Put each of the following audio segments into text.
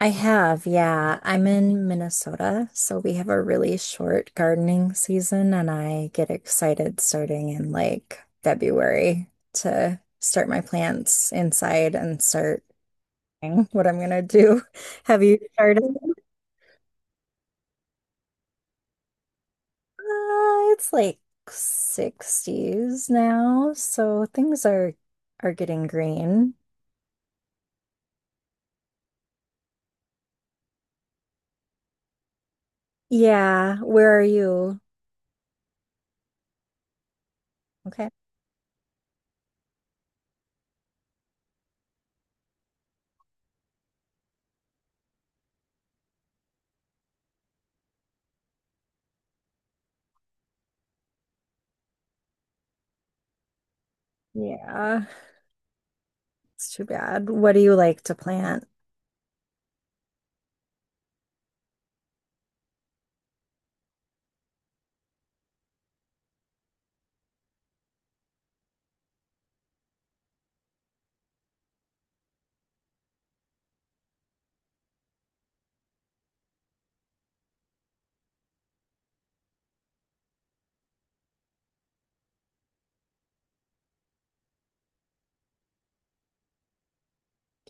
I have, yeah. I'm in Minnesota, so we have a really short gardening season, and I get excited starting in like February to start my plants inside and start doing what I'm gonna do. Have you started? It's like 60s now, so things are getting green. Yeah, where are you? Okay. Yeah, it's too bad. What do you like to plant?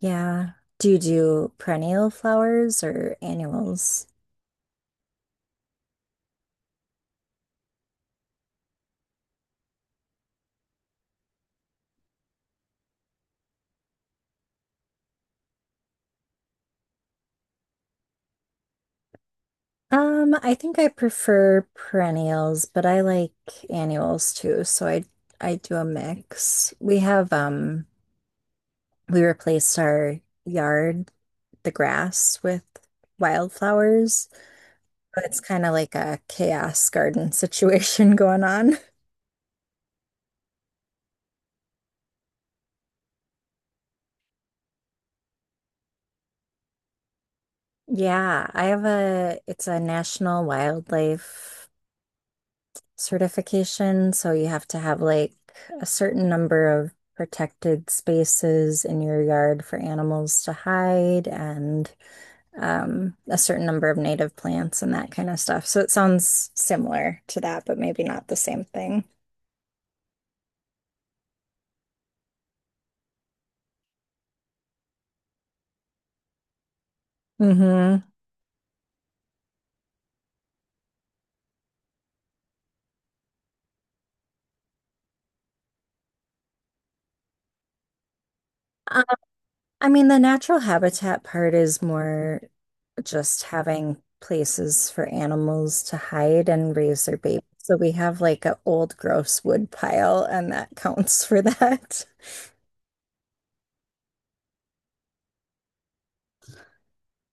Yeah. Do you do perennial flowers or annuals? I think I prefer perennials, but I like annuals too, so I do a mix. We have we replaced our yard, the grass with wildflowers. But it's kind of like a chaos garden situation going on. Yeah, I have a it's a national wildlife certification. So you have to have like a certain number of protected spaces in your yard for animals to hide and a certain number of native plants and that kind of stuff. So it sounds similar to that, but maybe not the same thing. Hmm. Um, I mean, the natural habitat part is more just having places for animals to hide and raise their babies. So we have like an old gross wood pile, and that counts for that.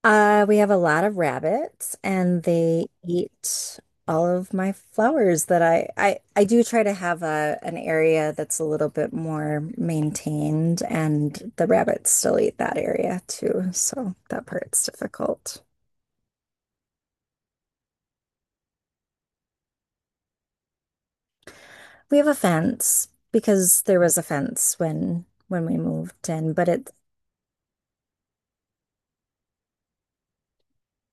We have a lot of rabbits and they eat all of my flowers that I do try to have a an area that's a little bit more maintained and the rabbits still eat that area too, so that part's difficult. We have a fence because there was a fence when we moved in, but it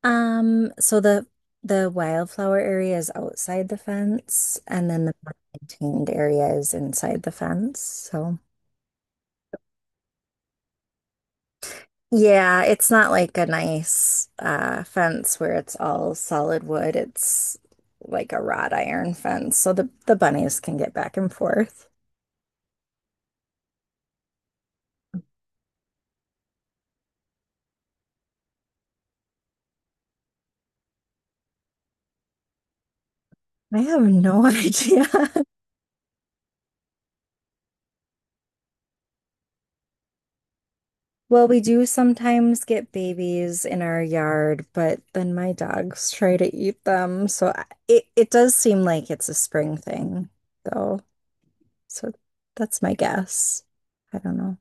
so the wildflower area is outside the fence and then the more maintained area is inside the fence, so yeah, it's not like a nice fence where it's all solid wood. It's like a wrought iron fence, so the bunnies can get back and forth. I have no idea. Well, we do sometimes get babies in our yard, but then my dogs try to eat them. It does seem like it's a spring thing, though. So that's my guess. I don't know.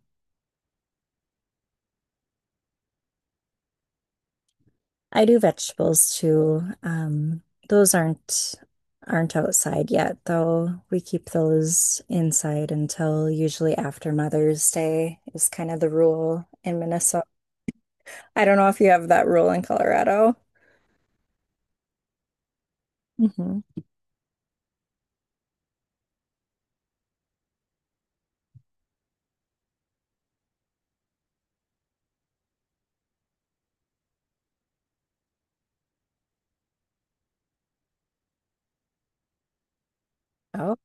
I do vegetables too. Those aren't outside yet, though. We keep those inside until usually after Mother's Day is kind of the rule in Minnesota. I don't know if you have that rule in Colorado. Hmm. Oh,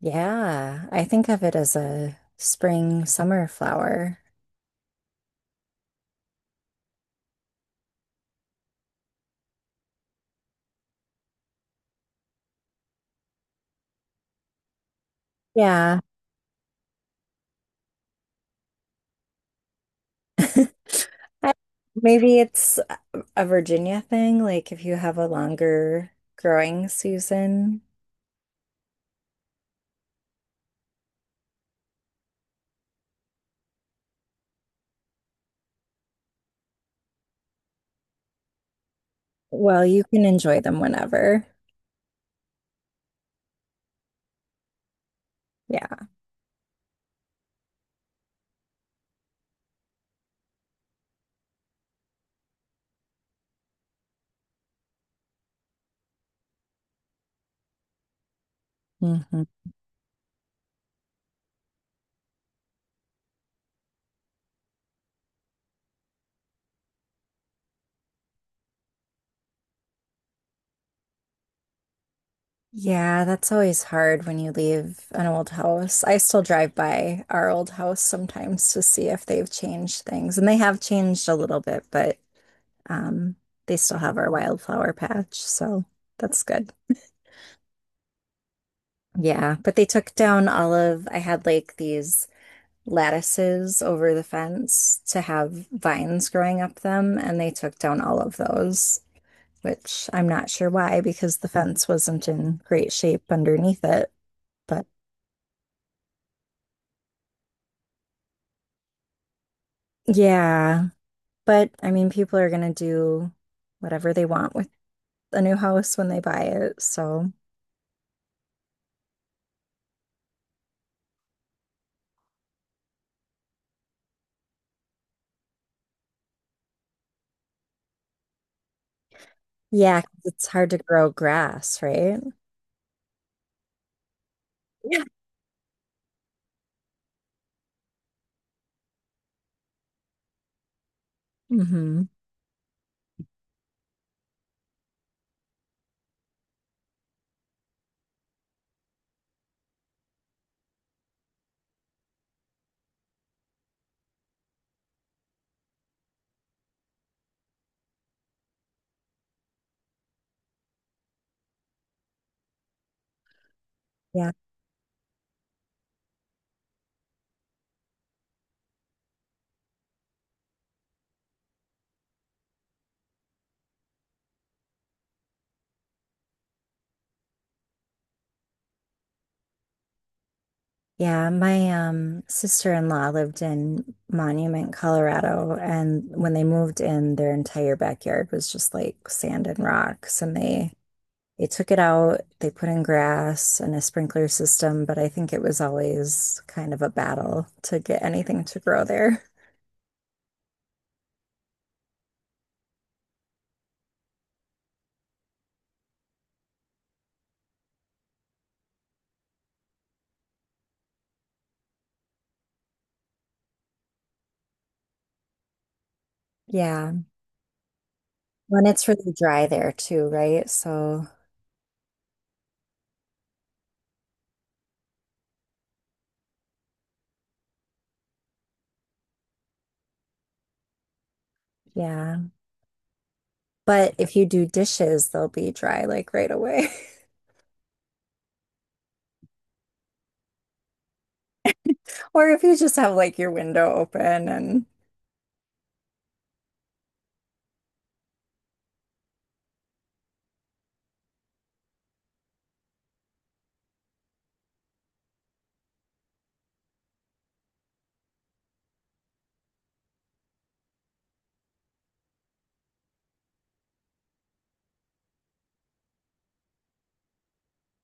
yeah. I think of it as a spring summer flower. Yeah. I- Maybe it's a Virginia thing, like if you have a longer growing season. Well, you can enjoy them whenever. Yeah. Hmm. Yeah, that's always hard when you leave an old house. I still drive by our old house sometimes to see if they've changed things, and they have changed a little bit, but um, they still have our wildflower patch, so that's good. Yeah, but they took down all of, I had like these lattices over the fence to have vines growing up them, and they took down all of those, which I'm not sure why because the fence wasn't in great shape underneath it. But yeah, but I mean, people are going to do whatever they want with a new house when they buy it. So yeah, 'cause it's hard to grow grass, right? Yeah. Hmm. Yeah. Yeah. My sister-in-law lived in Monument, Colorado, and when they moved in, their entire backyard was just like sand and rocks, and they took it out, they put in grass and a sprinkler system, but I think it was always kind of a battle to get anything to grow there. Yeah. When it's really dry there too, right? So, yeah. But if you do dishes, they'll be dry like right away. Or if you just have like your window open and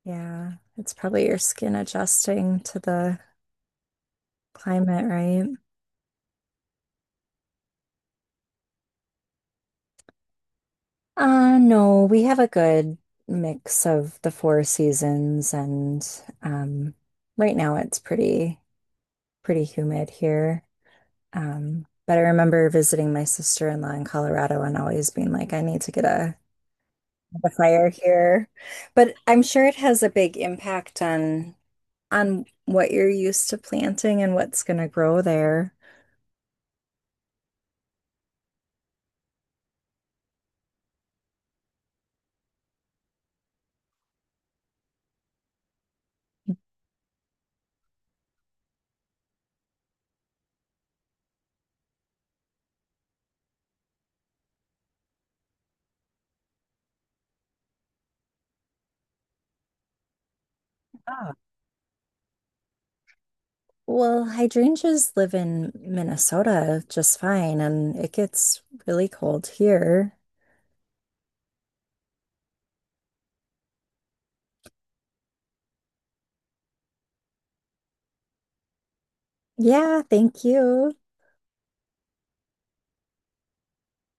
yeah, it's probably your skin adjusting to the climate, right? No, we have a good mix of the four seasons and right now it's pretty humid here. But I remember visiting my sister-in-law in Colorado and always being like, I need to get a fire here. But I'm sure it has a big impact on what you're used to planting and what's gonna grow there. Ah. Well, hydrangeas live in Minnesota just fine, and it gets really cold here. Yeah, thank you.